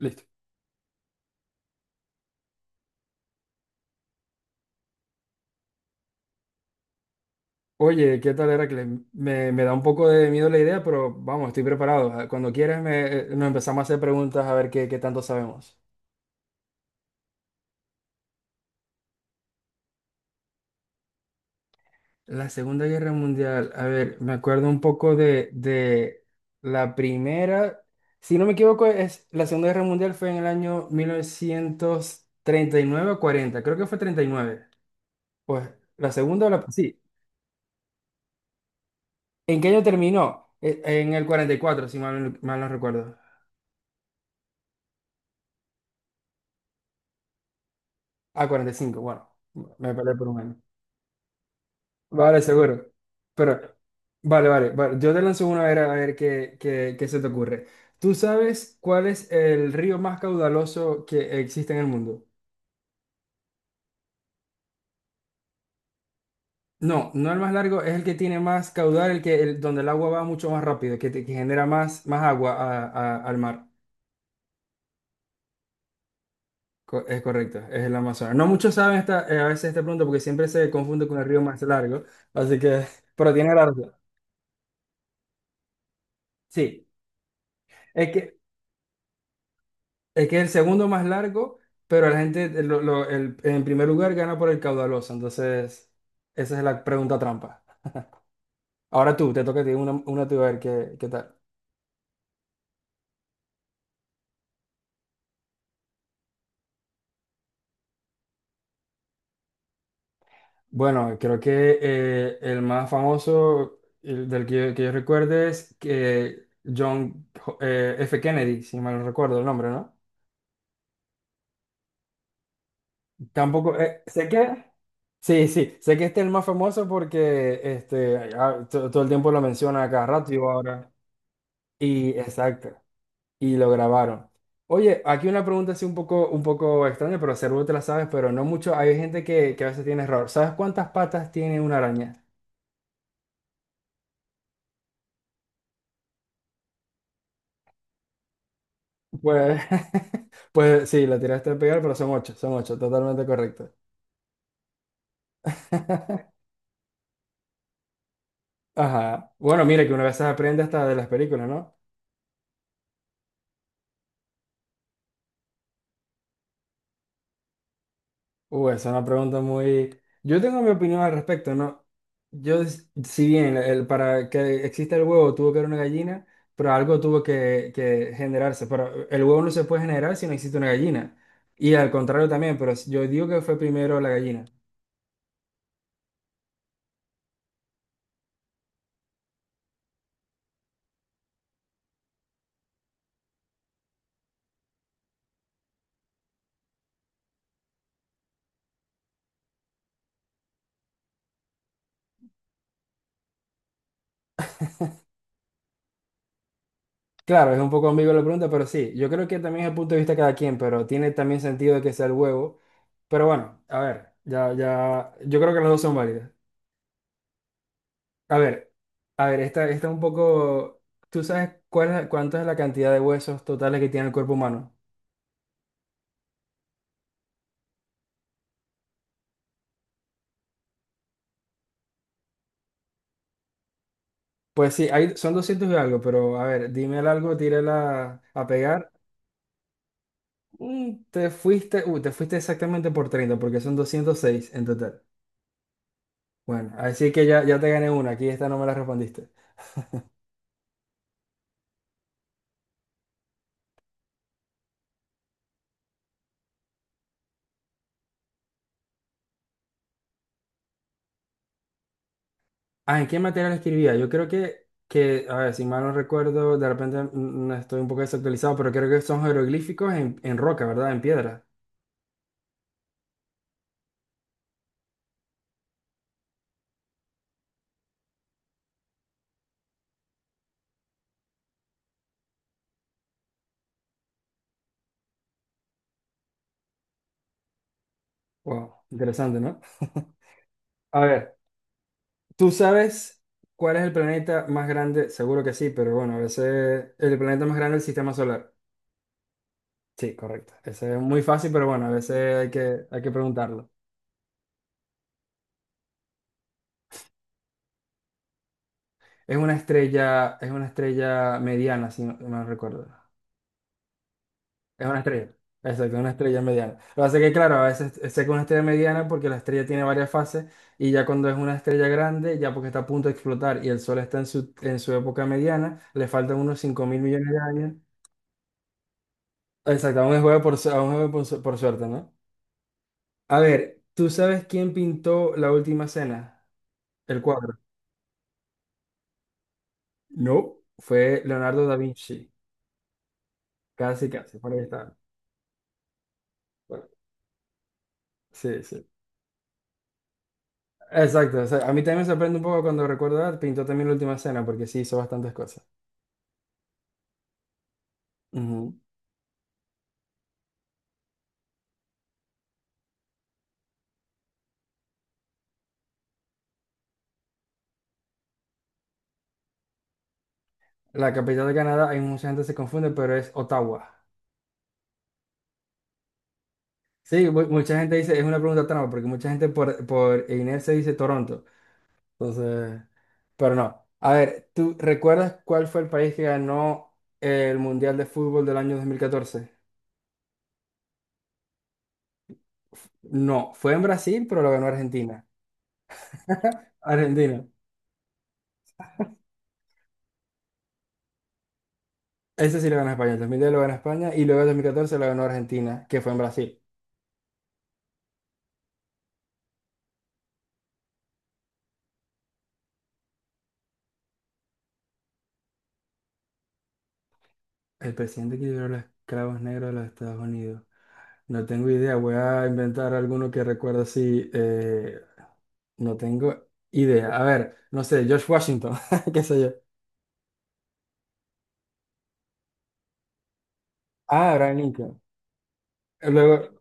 Listo. Oye, ¿qué tal, Heracles? Me da un poco de miedo la idea, pero vamos, estoy preparado. Cuando quieras, nos empezamos a hacer preguntas a ver qué tanto sabemos. La Segunda Guerra Mundial, a ver, me acuerdo un poco de la primera, si no me equivoco, es, la Segunda Guerra Mundial fue en el año 1939 o 40. Creo que fue 39. Pues la segunda, o la, sí. ¿En qué año terminó? En el 44. Si mal, mal no recuerdo. Ah, 45. Bueno, me peleé por un año. Vale, seguro. Pero, vale. Yo te lanzo una a ver qué, qué se te ocurre. ¿Tú sabes cuál es el río más caudaloso que existe en el mundo? No, no el más largo, es el que tiene más caudal, el que, donde el agua va mucho más rápido, que, que genera más, más agua al mar. Es correcto, es el Amazonas. No muchos saben esta, a veces esta pregunta porque siempre se confunde con el río más largo, así que, pero tiene la razón. Sí, es que es que es el segundo más largo, pero la gente en primer lugar gana por el caudaloso. Entonces, esa es la pregunta trampa. Ahora tú, te toca a ti una tú, a ver qué, qué tal. Bueno, creo que el más famoso el del que yo recuerde es que John F. Kennedy, si mal no recuerdo el nombre, ¿no? Tampoco, sé que, sí, sé que este es el más famoso porque este, ah, todo el tiempo lo menciona a cada rato y ahora. Y exacto. Y lo grabaron. Oye, aquí una pregunta así un poco extraña, pero seguro te la sabes, pero no mucho. Hay gente que a veces tiene error. ¿Sabes cuántas patas tiene una araña? Pues, pues sí, la tiraste a pegar, pero son ocho, totalmente correcto. Ajá. Bueno, mire que una vez se aprende hasta de las películas, ¿no? Esa es una pregunta muy... Yo tengo mi opinión al respecto, ¿no? Yo, si bien el, para que exista el huevo tuvo que haber una gallina, pero algo tuvo que generarse. Pero el huevo no se puede generar si no existe una gallina. Y al contrario también, pero yo digo que fue primero la gallina. Claro, es un poco ambigua la pregunta, pero sí, yo creo que también es el punto de vista de cada quien, pero tiene también sentido que sea el huevo. Pero bueno, a ver, yo creo que las dos son válidas. A ver, a ver, esta un poco. ¿Tú sabes cuánto es la cantidad de huesos totales que tiene el cuerpo humano? Pues sí, hay, son 200 y algo, pero a ver, dime el algo, tírala a pegar. Te fuiste, te fuiste exactamente por 30, porque son 206 en total. Bueno, así que ya, ya te gané una, aquí esta no me la respondiste. Ah, ¿en qué material escribía? Yo creo que, a ver, si mal no recuerdo, de repente estoy un poco desactualizado, pero creo que son jeroglíficos en roca, ¿verdad? En piedra. Wow, interesante, ¿no? A ver, ¿tú sabes cuál es el planeta más grande? Seguro que sí, pero bueno, a veces el planeta más grande del sistema solar. Sí, correcto. Ese es muy fácil, pero bueno, a veces hay que preguntarlo. Es una estrella mediana, si no no recuerdo. Es una estrella. Exacto, una estrella mediana. Lo que pasa es que, claro, a veces sé que es una estrella mediana porque la estrella tiene varias fases y ya cuando es una estrella grande, ya porque está a punto de explotar y el Sol está en su época mediana, le faltan unos 5.000 millones de años. Exacto, aún es juego por, aún es juego por, por suerte, ¿no? A ver, ¿tú sabes quién pintó La Última Cena? El cuadro. No. Fue Leonardo da Vinci. Casi, casi, por ahí está. Bueno, sí, sí. Exacto, o sea, a mí también me sorprende un poco cuando recuerdo, ah, pintó también La Última Cena, porque sí hizo bastantes cosas. Ujú. La capital de Canadá, hay mucha gente que se confunde, pero es Ottawa. Sí, mucha gente dice, es una pregunta trampa, porque mucha gente por inercia dice Toronto. Entonces, pero no. A ver, ¿tú recuerdas cuál fue el país que ganó el Mundial de Fútbol del año 2014? No, fue en Brasil, pero lo ganó Argentina. Argentina. Ese sí lo ganó España. El 2010 lo ganó España y luego el 2014 lo ganó Argentina, que fue en Brasil. El presidente que liberó los esclavos negros de los Estados Unidos. No tengo idea. Voy a inventar alguno que recuerdo si no tengo idea. A ver, no sé, George Washington, qué sé yo. Ah, Abraham Lincoln. Luego,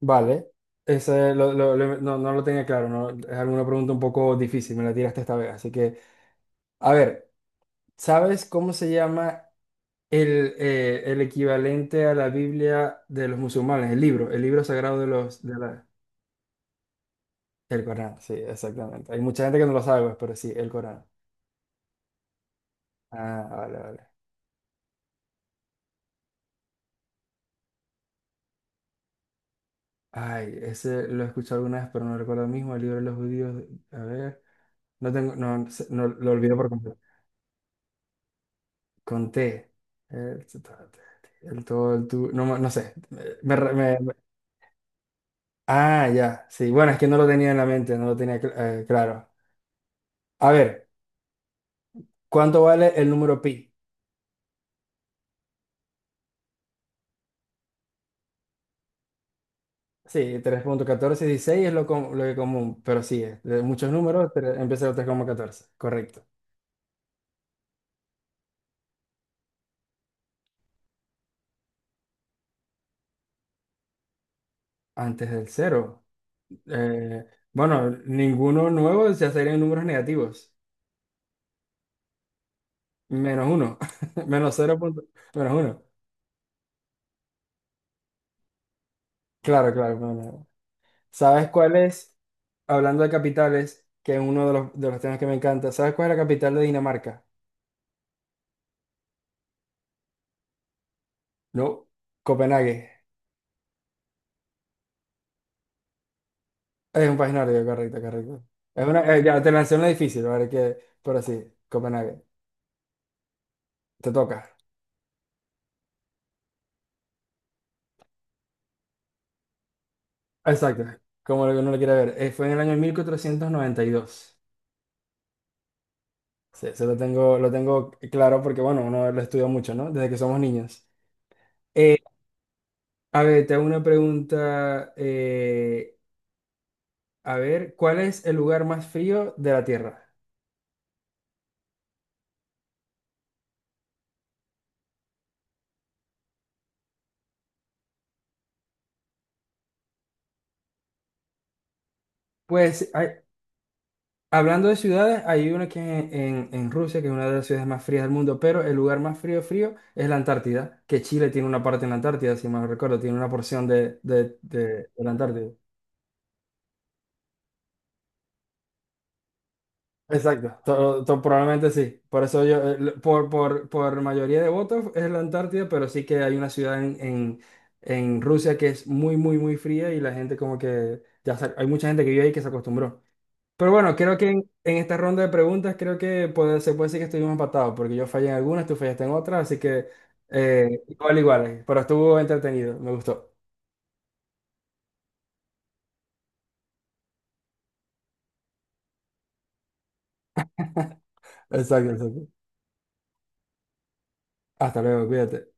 vale, ese no, no lo tenía claro, ¿no? Es alguna pregunta un poco difícil, me la tiraste esta vez. Así que, a ver, ¿sabes cómo se llama el equivalente a la Biblia de los musulmanes? El libro sagrado de los... De la- el Corán, sí, exactamente. Hay mucha gente que no lo sabe, pues, pero sí, el Corán. Ah, vale. Ay, ese lo he escuchado alguna vez, pero no recuerdo ahora mismo, el libro de los judíos. A ver, no tengo, no, no lo olvido por completo. Con T. El, el todo, el tú. No, no sé. Ah, ya. Sí. Bueno, es que no lo tenía en la mente, no lo tenía claro. A ver, ¿cuánto vale el número pi? Sí, 3,1416 es lo, lo que común, pero sí, es de muchos números empieza con 3,14. Correcto. Antes del cero. Eh, bueno, ninguno nuevo ya serían números negativos. Menos uno. Menos cero punto- menos uno. Claro, claro. Bueno. ¿Sabes cuál es? Hablando de capitales, que es uno de los temas que me encanta, ¿sabes cuál es la capital de Dinamarca? No, Copenhague. Es un país nórdico, correcto, correcto. Es una, ya te lancé una difícil, ¿vale? Que, pero sí, Copenhague. Te toca. Exacto, como lo que uno lo quiere ver. Fue en el año 1492. Sí, eso lo tengo claro porque, bueno, uno lo estudia mucho, ¿no? Desde que somos niños. Eh, a ver, te hago una pregunta. Eh, a ver, ¿cuál es el lugar más frío de la Tierra? Pues hay, hablando de ciudades, hay una que en, en Rusia, que es una de las ciudades más frías del mundo, pero el lugar más frío, frío es la Antártida, que Chile tiene una parte en la Antártida, si mal no recuerdo, tiene una porción de, de la Antártida. Exacto, probablemente sí. Por eso yo, por, por mayoría de votos es la Antártida, pero sí que hay una ciudad en Rusia que es muy, muy, muy fría y la gente como que, hay mucha gente que vive ahí que se acostumbró. Pero bueno, creo que en esta ronda de preguntas creo que se puede decir que estuvimos empatados, porque yo fallé en algunas, tú fallaste en otras, así que igual, igual, pero estuvo entretenido, me gustó. Exacto, exacto. Hasta luego, cuídate.